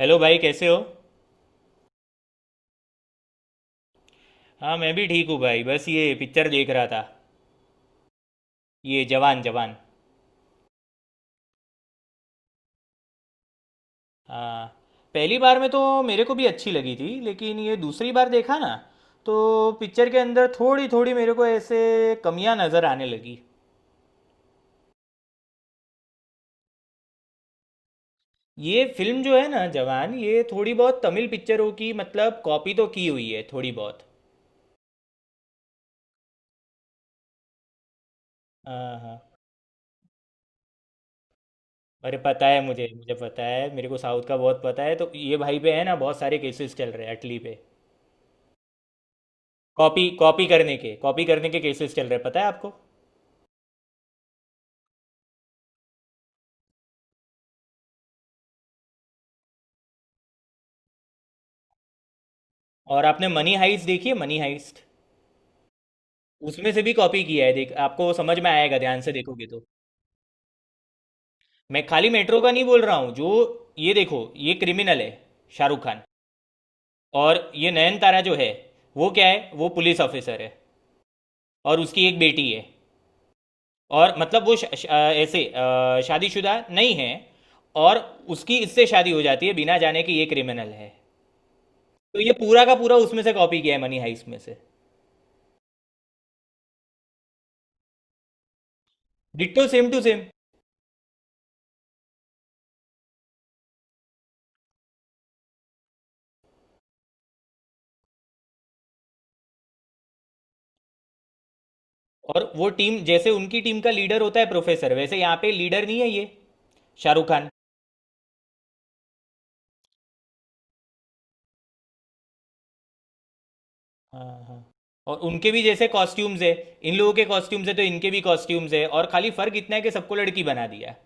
Hello भाई, कैसे हो? हाँ, मैं भी ठीक हूँ भाई। बस ये पिक्चर देख रहा था। ये जवान जवान। हाँ, पहली बार में तो मेरे को भी अच्छी लगी थी, लेकिन ये दूसरी बार देखा ना, तो पिक्चर के अंदर थोड़ी थोड़ी मेरे को ऐसे कमियां नज़र आने लगी। ये फिल्म जो है ना, जवान, ये थोड़ी बहुत तमिल पिक्चरों की मतलब कॉपी तो की हुई है, थोड़ी बहुत। हाँ हाँ। अरे पता है मुझे, मुझे पता है। मेरे को साउथ का बहुत पता है। तो ये भाई पे है ना बहुत सारे केसेस चल रहे हैं अटली पे। कॉपी कॉपी करने के केसेस चल रहे हैं, पता है आपको? और आपने मनी हाइस्ट देखी है, मनी हाइस्ट? उसमें से भी कॉपी किया है। देख, आपको समझ में आएगा ध्यान से देखोगे तो। मैं खाली मेट्रो का नहीं बोल रहा हूँ। जो ये देखो, ये क्रिमिनल है शाहरुख खान। और ये नयनतारा जो है, वो क्या है, वो पुलिस ऑफिसर है। और उसकी एक बेटी है। और मतलब वो ऐसे शादीशुदा नहीं है। और उसकी इससे शादी हो जाती है बिना जाने कि ये क्रिमिनल है। तो ये पूरा का पूरा उसमें से कॉपी किया है मनी हाइस्ट में से। Ditto same to same. और वो टीम, जैसे उनकी टीम का लीडर होता है प्रोफेसर, वैसे यहाँ पे लीडर नहीं है ये शाहरुख खान। हाँ हाँ। और उनके भी जैसे कॉस्ट्यूम्स है, इन लोगों के कॉस्ट्यूम्स है, तो इनके भी कॉस्ट्यूम्स है, और खाली फर्क इतना है कि सबको लड़की बना दिया है।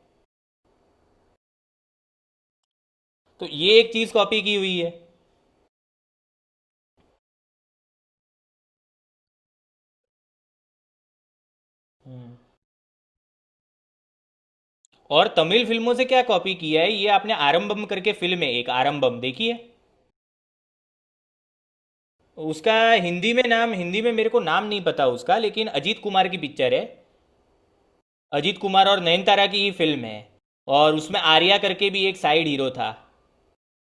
तो ये एक चीज कॉपी की हुई है। हम्म। और तमिल फिल्मों से क्या कॉपी किया है? ये आपने आरंबम करके फिल्म है, एक आरंबम देखी है? उसका हिंदी में नाम, हिंदी में मेरे को नाम नहीं पता उसका, लेकिन अजीत कुमार की पिक्चर है। अजीत कुमार और नयनतारा की ही फिल्म है, और उसमें आर्या करके भी एक साइड हीरो था।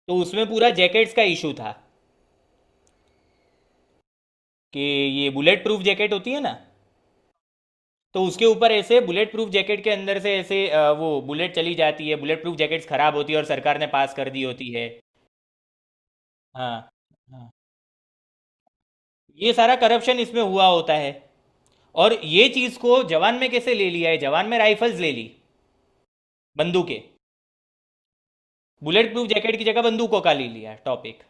तो उसमें पूरा जैकेट्स का इशू था कि ये बुलेट प्रूफ जैकेट होती है ना, तो उसके ऊपर ऐसे बुलेट प्रूफ जैकेट के अंदर से ऐसे वो बुलेट चली जाती है। बुलेट प्रूफ जैकेट्स खराब होती है और सरकार ने पास कर दी होती है। हाँ हाँ। ये सारा करप्शन इसमें हुआ होता है। और ये चीज़ को जवान में कैसे ले लिया है? जवान में राइफल्स ले ली, बंदूकें। बुलेट प्रूफ जैकेट की जगह बंदूकों का ले लिया टॉपिक।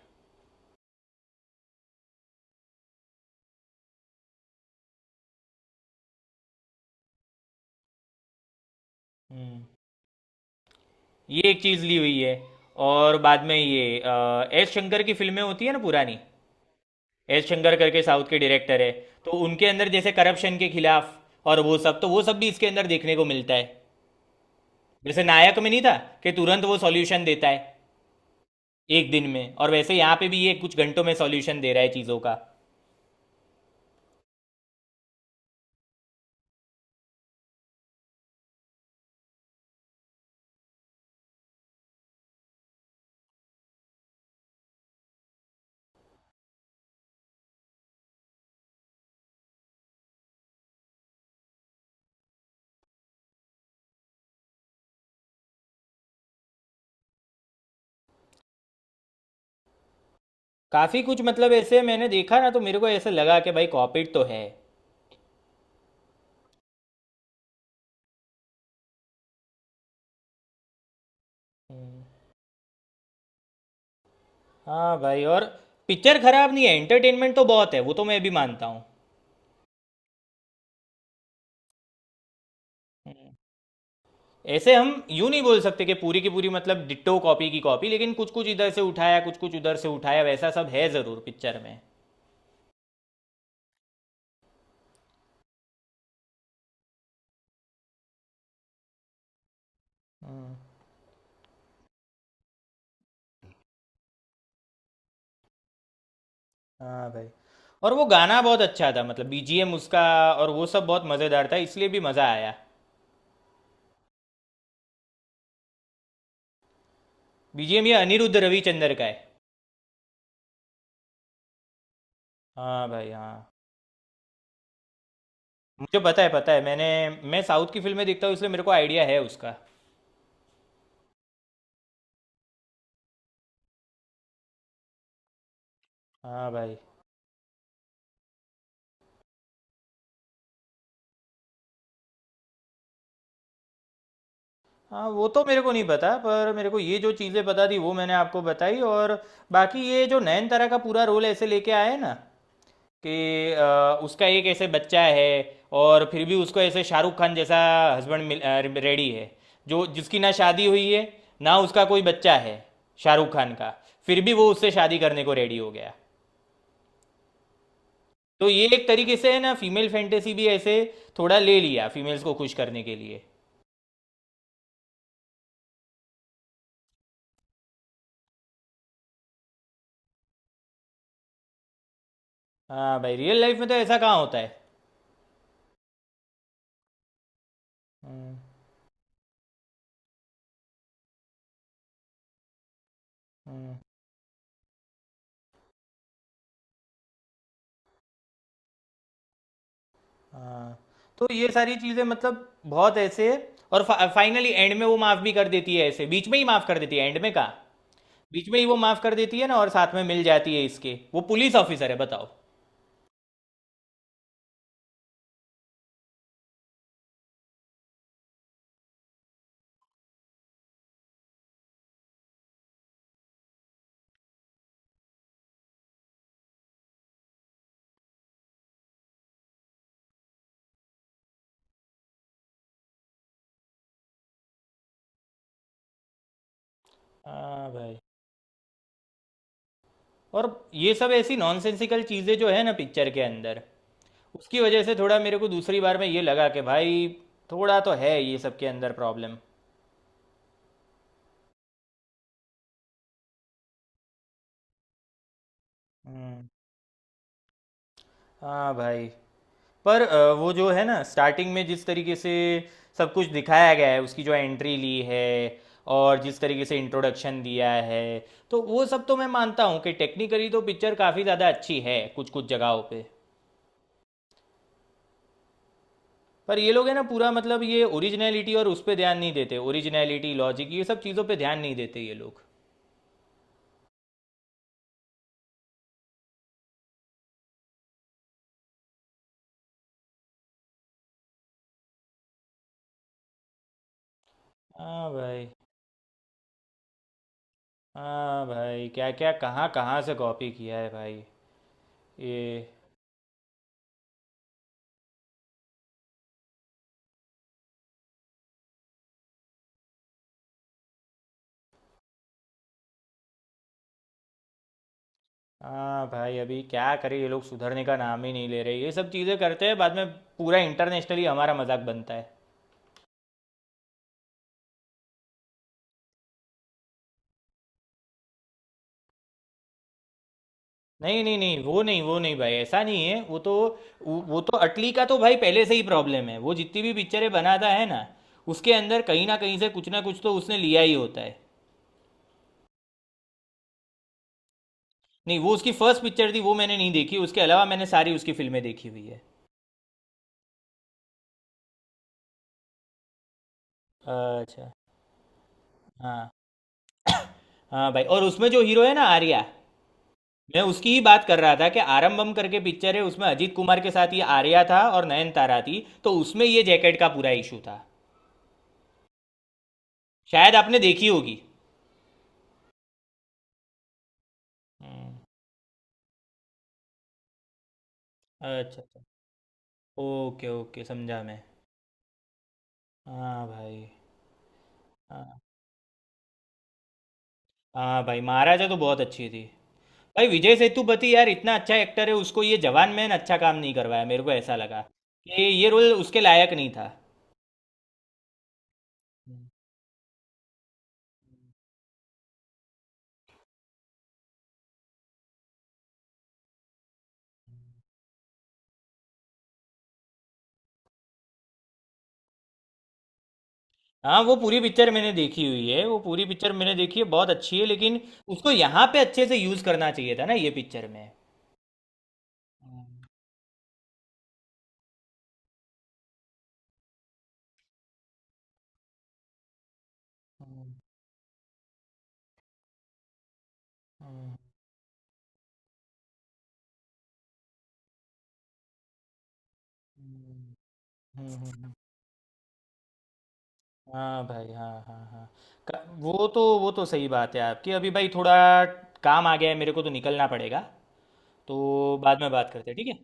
हम्म, ये एक चीज़ ली हुई है। और बाद में ये एस शंकर की फिल्में होती है ना पुरानी, एस शंकर करके साउथ के डायरेक्टर है, तो उनके अंदर जैसे करप्शन के खिलाफ और वो सब, तो वो सब भी इसके अंदर देखने को मिलता है। जैसे नायक में नहीं था कि तुरंत वो सॉल्यूशन देता है एक दिन में, और वैसे यहाँ पे भी ये कुछ घंटों में सॉल्यूशन दे रहा है चीज़ों का। काफ़ी कुछ मतलब ऐसे मैंने देखा ना, तो मेरे को ऐसे लगा कि भाई कॉपीड तो है। हाँ भाई। और पिक्चर खराब नहीं है, एंटरटेनमेंट तो बहुत है, वो तो मैं भी मानता हूँ। ऐसे हम यूं नहीं बोल सकते कि पूरी की पूरी मतलब डिट्टो कॉपी की कॉपी, लेकिन कुछ कुछ इधर से उठाया, कुछ कुछ उधर से उठाया, वैसा सब है ज़रूर पिक्चर में। हम्म, हाँ भाई। और वो गाना बहुत अच्छा था, मतलब बीजीएम उसका, और वो सब बहुत मज़ेदार था, इसलिए भी मज़ा आया। बीजीएम ये अनिरुद्ध रविचंद्र का है। हाँ भाई हाँ। मुझे पता है, पता है, मैं साउथ की फिल्में देखता हूँ, इसलिए मेरे को आइडिया है उसका। हाँ भाई हाँ। वो तो मेरे को नहीं पता, पर मेरे को ये जो चीज़ें पता थी वो मैंने आपको बताई। और बाकी ये जो नयनतारा का पूरा रोल ऐसे लेके आए ना कि उसका एक ऐसे बच्चा है, और फिर भी उसको ऐसे शाहरुख खान जैसा हस्बैंड मिल रेडी है। जो जिसकी ना शादी हुई है, ना उसका कोई बच्चा है, शाहरुख खान का, फिर भी वो उससे शादी करने को रेडी हो गया। तो ये एक तरीके से है ना फीमेल फैंटेसी भी ऐसे थोड़ा ले लिया, फीमेल्स को खुश करने के लिए। हाँ भाई, रियल लाइफ में तो ऐसा कहाँ होता है। हम्म, हम्म, हाँ, तो ये सारी चीज़ें मतलब बहुत ऐसे। और फाइनली एंड में वो माफ़ भी कर देती है, ऐसे बीच में ही माफ़ कर देती है, एंड में कहाँ, बीच में ही वो माफ कर देती है ना, और साथ में मिल जाती है इसके, वो पुलिस ऑफिसर है, बताओ। हाँ भाई। और ये सब ऐसी नॉनसेंसिकल चीज़ें जो है ना पिक्चर के अंदर, उसकी वजह से थोड़ा मेरे को दूसरी बार में ये लगा कि भाई थोड़ा तो है ये सब के अंदर प्रॉब्लम। हम्म, हाँ भाई। पर वो जो है ना स्टार्टिंग में जिस तरीके से सब कुछ दिखाया गया है, उसकी जो एंट्री ली है और जिस तरीके से इंट्रोडक्शन दिया है, तो वो सब तो मैं मानता हूँ कि टेक्निकली तो पिक्चर काफ़ी ज़्यादा अच्छी है, कुछ कुछ जगहों पे। पर ये लोग है ना, पूरा मतलब ये ओरिजिनलिटी, और उस पे ध्यान नहीं देते, ओरिजिनलिटी, लॉजिक, ये सब चीज़ों पे ध्यान नहीं देते ये लोग। हाँ भाई। हाँ भाई, क्या क्या कहाँ कहाँ से कॉपी किया है भाई ये। हाँ भाई, अभी क्या करें, ये लोग सुधरने का नाम ही नहीं ले रहे। ये सब चीज़ें करते हैं, बाद में पूरा इंटरनेशनली हमारा मजाक बनता है। नहीं नहीं नहीं, वो नहीं, वो नहीं भाई, ऐसा नहीं है वो तो। वो तो अटली का तो भाई पहले से ही प्रॉब्लम है। वो जितनी भी पिक्चरें बनाता है ना, उसके अंदर कहीं ना कहीं से कुछ ना कुछ तो उसने लिया ही होता है। नहीं, वो उसकी फर्स्ट पिक्चर थी, वो मैंने नहीं देखी, उसके अलावा मैंने सारी उसकी फिल्में देखी हुई है। अच्छा। हाँ हाँ भाई, और उसमें जो हीरो है ना आर्या, मैं उसकी ही बात कर रहा था कि आरंबम करके पिक्चर है, उसमें अजीत कुमार के साथ ये आर्या था और नयनतारा थी, तो उसमें ये जैकेट का पूरा इशू था। शायद आपने देखी होगी। हम्म, अच्छा अच्छा। ओके ओके, समझा मैं। हाँ भाई। हाँ हाँ भाई, महाराजा तो बहुत अच्छी थी। भाई विजय सेतुपति यार इतना अच्छा एक्टर है, उसको ये जवान मैन अच्छा काम नहीं करवाया, मेरे को ऐसा लगा कि ये रोल उसके लायक नहीं था। हम्म। हाँ, वो पूरी पिक्चर मैंने देखी हुई है, वो पूरी पिक्चर मैंने देखी है, बहुत अच्छी है, लेकिन उसको यहाँ पे अच्छे से यूज़ करना चाहिए था ना ये पिक्चर में। हम्म, हम्म, हम्म, हम्म, हम्म, हम्म। हाँ भाई, हाँ हाँ हाँ। वो तो सही बात है आपकी। अभी भाई थोड़ा काम आ गया है, मेरे को तो निकलना पड़ेगा, तो बाद में बात करते हैं, ठीक है?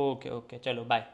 ओके ओके, चलो बाय।